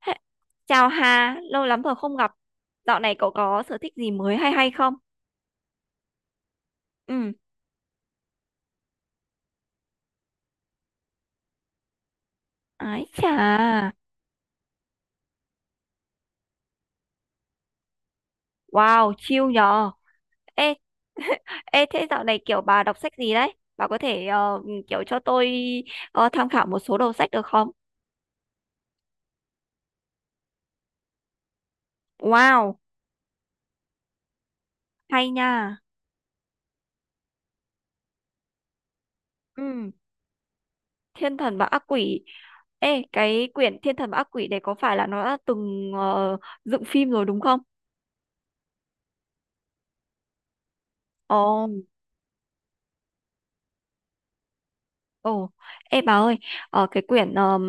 Hê, chào Hà, lâu lắm rồi không gặp. Dạo này cậu có sở thích gì mới hay hay không? Ừ, ái chà, wow, chill nhờ. Ê, ê thế dạo này kiểu bà đọc sách gì đấy? Bà có thể kiểu cho tôi tham khảo một số đầu sách được không? Wow, hay nha. Ừ, Thiên thần và ác quỷ. Ê, cái quyển Thiên thần và ác quỷ đấy có phải là nó đã từng dựng phim rồi đúng không? Ồ. Ồ, ê bà ơi, ở cái quyển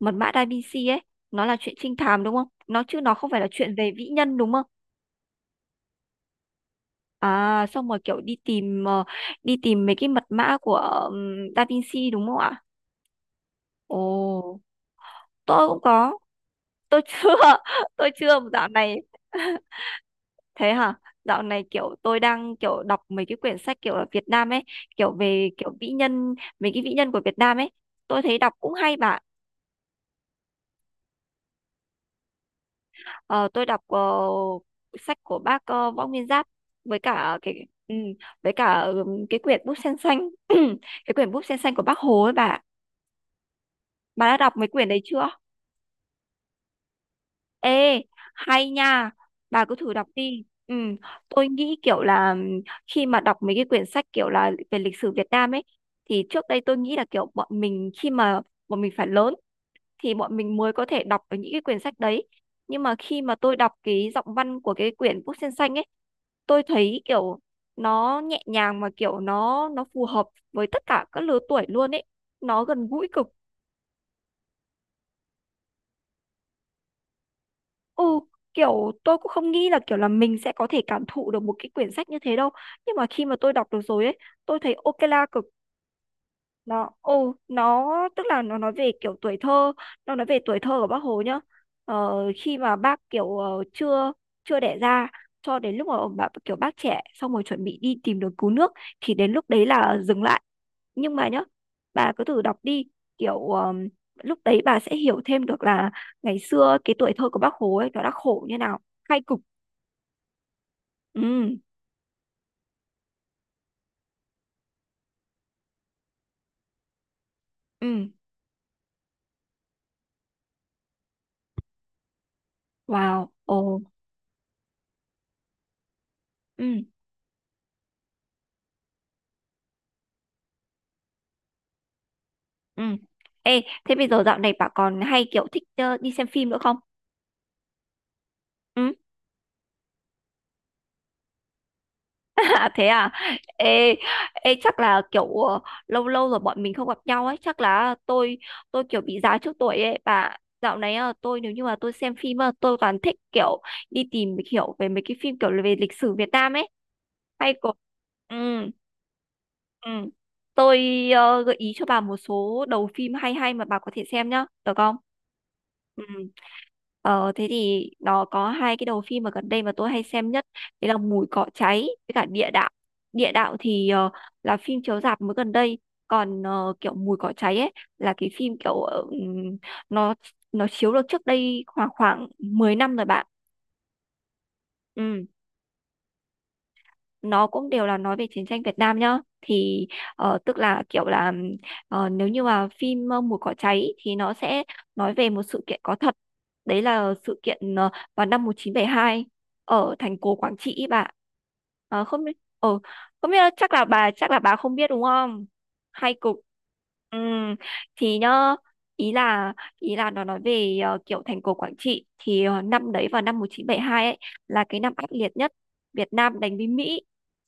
Mật mã Da Vinci ấy, nó là chuyện trinh thám đúng không? Nó chứ nó không phải là chuyện về vĩ nhân đúng không? À, xong rồi kiểu đi tìm mấy cái mật mã của Da Vinci đúng không ạ? Ồ, tôi cũng có, tôi chưa, tôi chưa dạo này. Thế hả? Dạo này kiểu tôi đang kiểu đọc mấy cái quyển sách kiểu ở Việt Nam ấy, kiểu về kiểu vĩ nhân, mấy cái vĩ nhân của Việt Nam ấy, tôi thấy đọc cũng hay bà. Ờ, tôi đọc sách của bác Võ Nguyên Giáp với cả cái, ừ, với cả cái quyển bút sen xanh cái quyển bút sen xanh của bác Hồ ấy bà. Bà đã đọc mấy quyển đấy chưa? Ê, hay nha, bà cứ thử đọc đi, tôi nghĩ kiểu là khi mà đọc mấy cái quyển sách kiểu là về lịch sử Việt Nam ấy thì trước đây tôi nghĩ là kiểu bọn mình khi mà bọn mình phải lớn thì bọn mình mới có thể đọc ở những cái quyển sách đấy, nhưng mà khi mà tôi đọc cái giọng văn của cái quyển bút sen xanh ấy, tôi thấy kiểu nó nhẹ nhàng mà kiểu nó phù hợp với tất cả các lứa tuổi luôn ấy, nó gần gũi cực. Ừ, kiểu tôi cũng không nghĩ là kiểu là mình sẽ có thể cảm thụ được một cái quyển sách như thế đâu, nhưng mà khi mà tôi đọc được rồi ấy, tôi thấy ok la cực. Nó, ồ, nó tức là nó nói về kiểu tuổi thơ, nó nói về tuổi thơ của bác Hồ nhá. Khi mà bác kiểu chưa chưa đẻ ra, cho đến lúc mà ông bà kiểu bác trẻ xong rồi chuẩn bị đi tìm đường cứu nước thì đến lúc đấy là dừng lại. Nhưng mà nhá, bà cứ thử đọc đi, kiểu lúc đấy bà sẽ hiểu thêm được là ngày xưa cái tuổi thơ của bác Hồ ấy nó đã khổ như nào. Khai cục, ừ. Ừ. Wow. Ồ. Ừ. Ừ. Ê, thế bây giờ dạo này bà còn hay kiểu thích đi xem phim nữa không? Ừ. À, thế à? Ê, ê, chắc là kiểu lâu lâu rồi bọn mình không gặp nhau ấy, chắc là tôi kiểu bị già trước tuổi ấy bà. Dạo này tôi nếu như mà tôi xem phim tôi toàn thích kiểu đi tìm hiểu về mấy cái phim kiểu về lịch sử Việt Nam ấy. Hay có. Ừ, ừ. Tôi gợi ý cho bà một số đầu phim hay hay mà bà có thể xem nhá, được không? Ừ. Ờ, thế thì nó có hai cái đầu phim mà gần đây mà tôi hay xem nhất đấy là mùi cỏ cháy với cả địa đạo. Địa đạo thì là phim chiếu rạp mới gần đây, còn kiểu mùi cỏ cháy ấy là cái phim kiểu nó nó chiếu được trước đây khoảng khoảng 10 năm rồi bạn. Ừ, nó cũng đều là nói về chiến tranh Việt Nam nhá thì tức là kiểu là nếu như mà phim Mùa cỏ cháy thì nó sẽ nói về một sự kiện có thật, đấy là sự kiện vào năm 1972 ở thành cổ Quảng Trị ý bà. Ờ, không biết ờ, không biết là, chắc là bà không biết đúng không. Hay cục. ừ, thì nhá, ý là ý là nó nói về kiểu thành cổ Quảng Trị thì năm đấy vào năm 1972 ấy là cái năm ác liệt nhất Việt Nam đánh với Mỹ,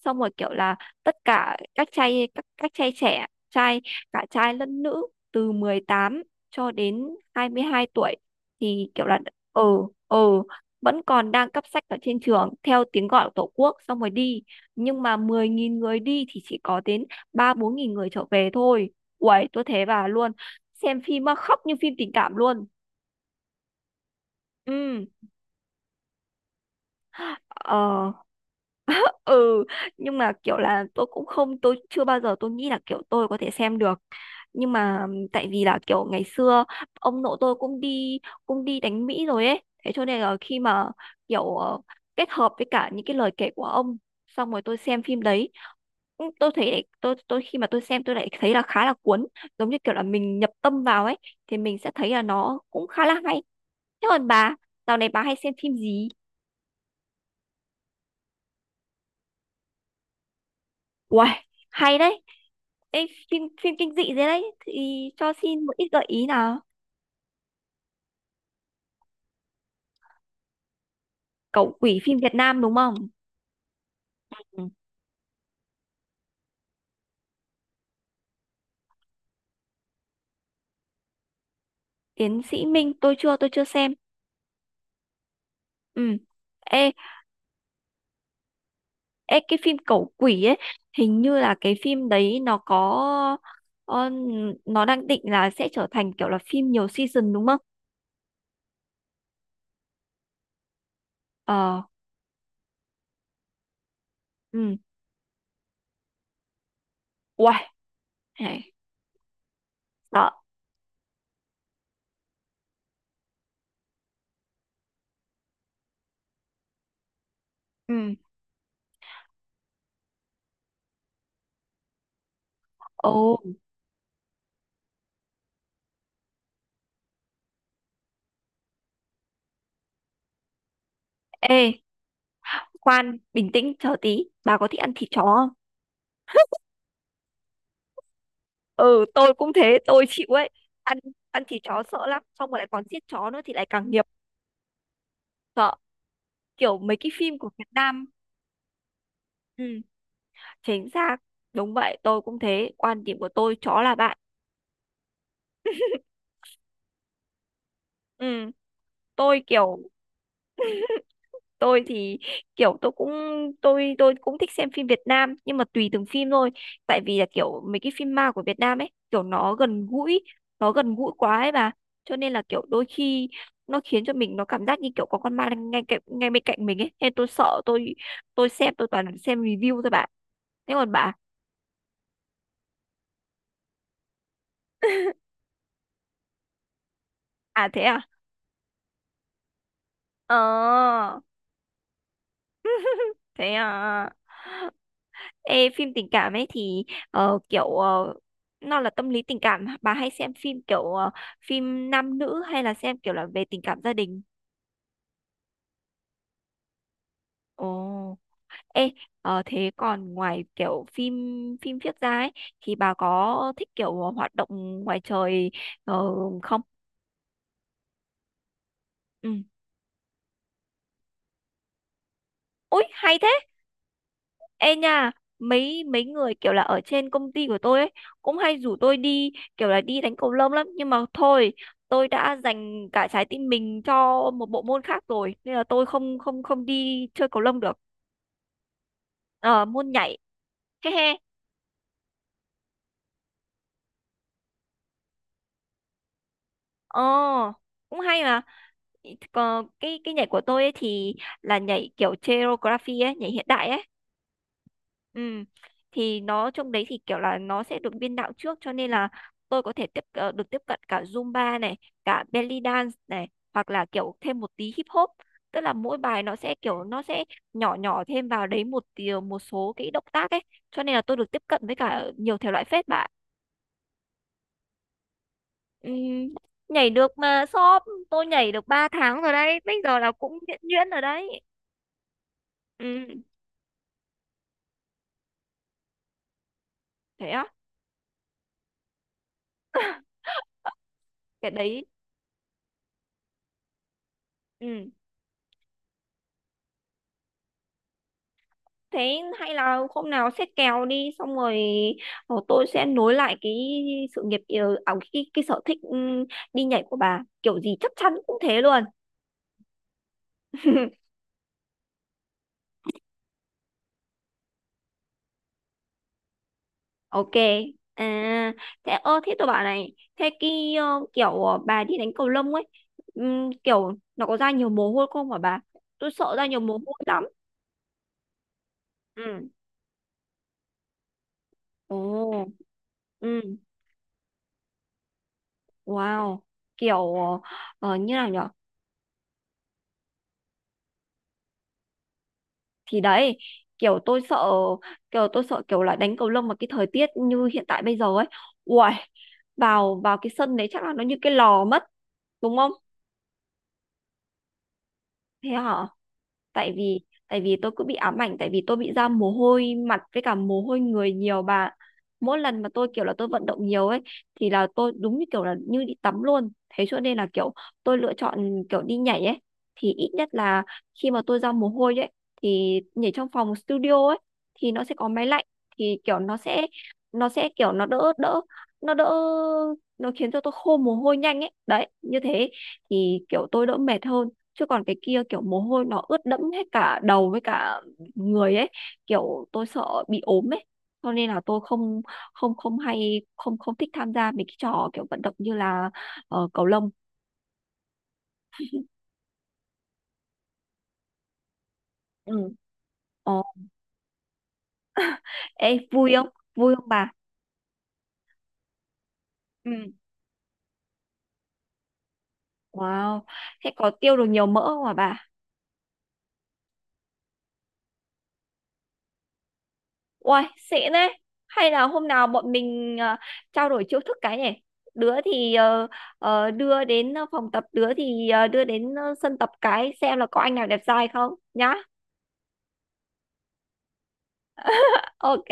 xong rồi kiểu là tất cả các trai các trai trẻ trai, cả trai lẫn nữ từ 18 cho đến 22 tuổi thì kiểu là ờ ờ vẫn còn đang cấp sách ở trên trường theo tiếng gọi của Tổ quốc xong rồi đi, nhưng mà 10.000 người đi thì chỉ có đến 3-4 nghìn người trở về thôi. Uầy, tôi thế bà luôn. Xem phim mà khóc như phim tình cảm luôn. Ừ. Ờ. Ừ. Nhưng mà kiểu là tôi cũng không, tôi chưa bao giờ tôi nghĩ là kiểu tôi có thể xem được, nhưng mà tại vì là kiểu ngày xưa ông nội tôi cũng đi, đánh Mỹ rồi ấy, thế cho nên là khi mà kiểu kết hợp với cả những cái lời kể của ông, xong rồi tôi xem phim đấy, ừ, tôi thấy lại, tôi khi mà tôi xem tôi lại thấy là khá là cuốn, giống như kiểu là mình nhập tâm vào ấy thì mình sẽ thấy là nó cũng khá là hay. Thế còn bà, dạo này bà hay xem phim gì? Uầy, hay đấy. Ê, phim phim kinh dị thế đấy thì cho xin một ít gợi ý nào. Cẩu quỷ phim Việt Nam đúng không? Ừ. Tiến sĩ Minh tôi chưa xem. Ừ. ê, ê, cái phim cẩu quỷ ấy hình như là cái phim đấy nó có, ờ, nó đang định là sẽ trở thành kiểu là phim nhiều season đúng không? Ờ. Ừ. Uầy này, sợ. Ừ. Ồ. Ê, khoan bình tĩnh chờ tí, bà có thích ăn thịt chó không? Ừ, tôi cũng thế tôi chịu ấy. Ăn ăn thịt chó sợ lắm, xong rồi lại còn giết chó nữa thì lại càng nghiệp. Sợ. Kiểu mấy cái phim của Việt Nam. Ừ, chính xác, đúng vậy, tôi cũng thế, quan điểm của tôi chó là bạn. Ừ, tôi kiểu tôi thì kiểu tôi cũng tôi cũng thích xem phim Việt Nam nhưng mà tùy từng phim thôi, tại vì là kiểu mấy cái phim ma của Việt Nam ấy kiểu nó gần gũi, nó gần gũi quá ấy bà, cho nên là kiểu đôi khi nó khiến cho mình nó cảm giác như kiểu có con ma đang ngay cạnh ngay bên cạnh mình ấy, nên tôi sợ, tôi xem tôi toàn xem review thôi bạn. Thế còn bà? À, thế à? Ờ. Thế à? Ê, phim tình cảm ấy thì kiểu nó là tâm lý tình cảm, bà hay xem phim kiểu phim nam nữ hay là xem kiểu là về tình cảm gia đình? Ồ. Ê, thế còn ngoài kiểu phim phim viết ra ấy thì bà có thích kiểu hoạt động ngoài trời ờ, không? Ừ. Ui, hay thế. Ê nha, mấy mấy người kiểu là ở trên công ty của tôi ấy cũng hay rủ tôi đi kiểu là đi đánh cầu lông lắm, nhưng mà thôi, tôi đã dành cả trái tim mình cho một bộ môn khác rồi nên là tôi không không không đi chơi cầu lông được. Ờ, môn nhảy. He he. Ờ, cũng hay mà. Còn cái nhảy của tôi ấy thì là nhảy kiểu choreography ấy, nhảy hiện đại ấy. Ừ. Thì nó trong đấy thì kiểu là nó sẽ được biên đạo trước, cho nên là tôi có thể được tiếp cận cả Zumba này, cả belly dance này, hoặc là kiểu thêm một tí hip hop. Tức là mỗi bài nó sẽ kiểu nó sẽ nhỏ nhỏ thêm vào đấy một tí, một số cái động tác ấy, cho nên là tôi được tiếp cận với cả nhiều thể loại phết bạn. Ừm, nhảy được mà shop, tôi nhảy được 3 tháng rồi đấy. Bây giờ là cũng nhuyễn nhuyễn rồi đấy. Ừ, thế á, cái đấy. Ừ. Thế hay là hôm nào xét kèo đi, xong rồi tôi sẽ nối lại cái sự nghiệp, cái sở thích đi nhảy của bà, kiểu gì chắc chắn cũng thế luôn. Ok. À, thế ơ thế tôi bảo này, thế cái kiểu bà đi đánh cầu lông ấy, kiểu nó có ra nhiều mồ hôi không hả bà? Tôi sợ ra nhiều mồ hôi lắm. Ừ. Ồ. Ừ. Wow. Kiểu như nào nhỉ? Thì đấy, kiểu tôi sợ kiểu tôi sợ kiểu là đánh cầu lông mà cái thời tiết như hiện tại bây giờ ấy, uầy, vào vào cái sân đấy chắc là nó như cái lò mất, đúng không? Thế hả? Tại vì tại vì tôi cứ bị ám ảnh, tại vì tôi bị ra mồ hôi mặt với cả mồ hôi người nhiều bà. Mỗi lần mà tôi kiểu là tôi vận động nhiều ấy thì là tôi đúng như kiểu là như đi tắm luôn, thế cho nên là kiểu tôi lựa chọn kiểu đi nhảy ấy, thì ít nhất là khi mà tôi ra mồ hôi ấy thì nhảy trong phòng studio ấy thì nó sẽ có máy lạnh, thì kiểu nó sẽ kiểu nó đỡ đỡ, nó đỡ, nó khiến cho tôi khô mồ hôi nhanh ấy đấy như thế, thì kiểu tôi đỡ mệt hơn, chứ còn cái kia kiểu mồ hôi nó ướt đẫm hết cả đầu với cả người ấy, kiểu tôi sợ bị ốm ấy, cho nên là tôi không không không hay không không thích tham gia mấy cái trò kiểu vận động như là cầu lông. Ừ. ờ, ê vui không? Vui không bà? Ừ. Wow, thế có tiêu được nhiều mỡ không hả bà? Uầy, xịn đấy. Hay là hôm nào bọn mình trao đổi chiêu thức cái nhỉ? Đứa thì đưa đến phòng tập, đứa thì đưa đến sân tập cái xem là có anh nào đẹp trai không nhá. Ok.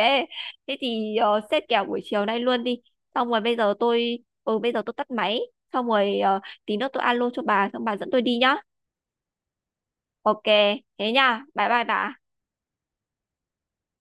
Thế thì xếp kèo buổi chiều nay luôn đi. Xong rồi bây giờ tôi tắt máy, xong rồi tí nữa tôi alo cho bà xong bà dẫn tôi đi nhá. Ok, thế nha. Bye bye bà.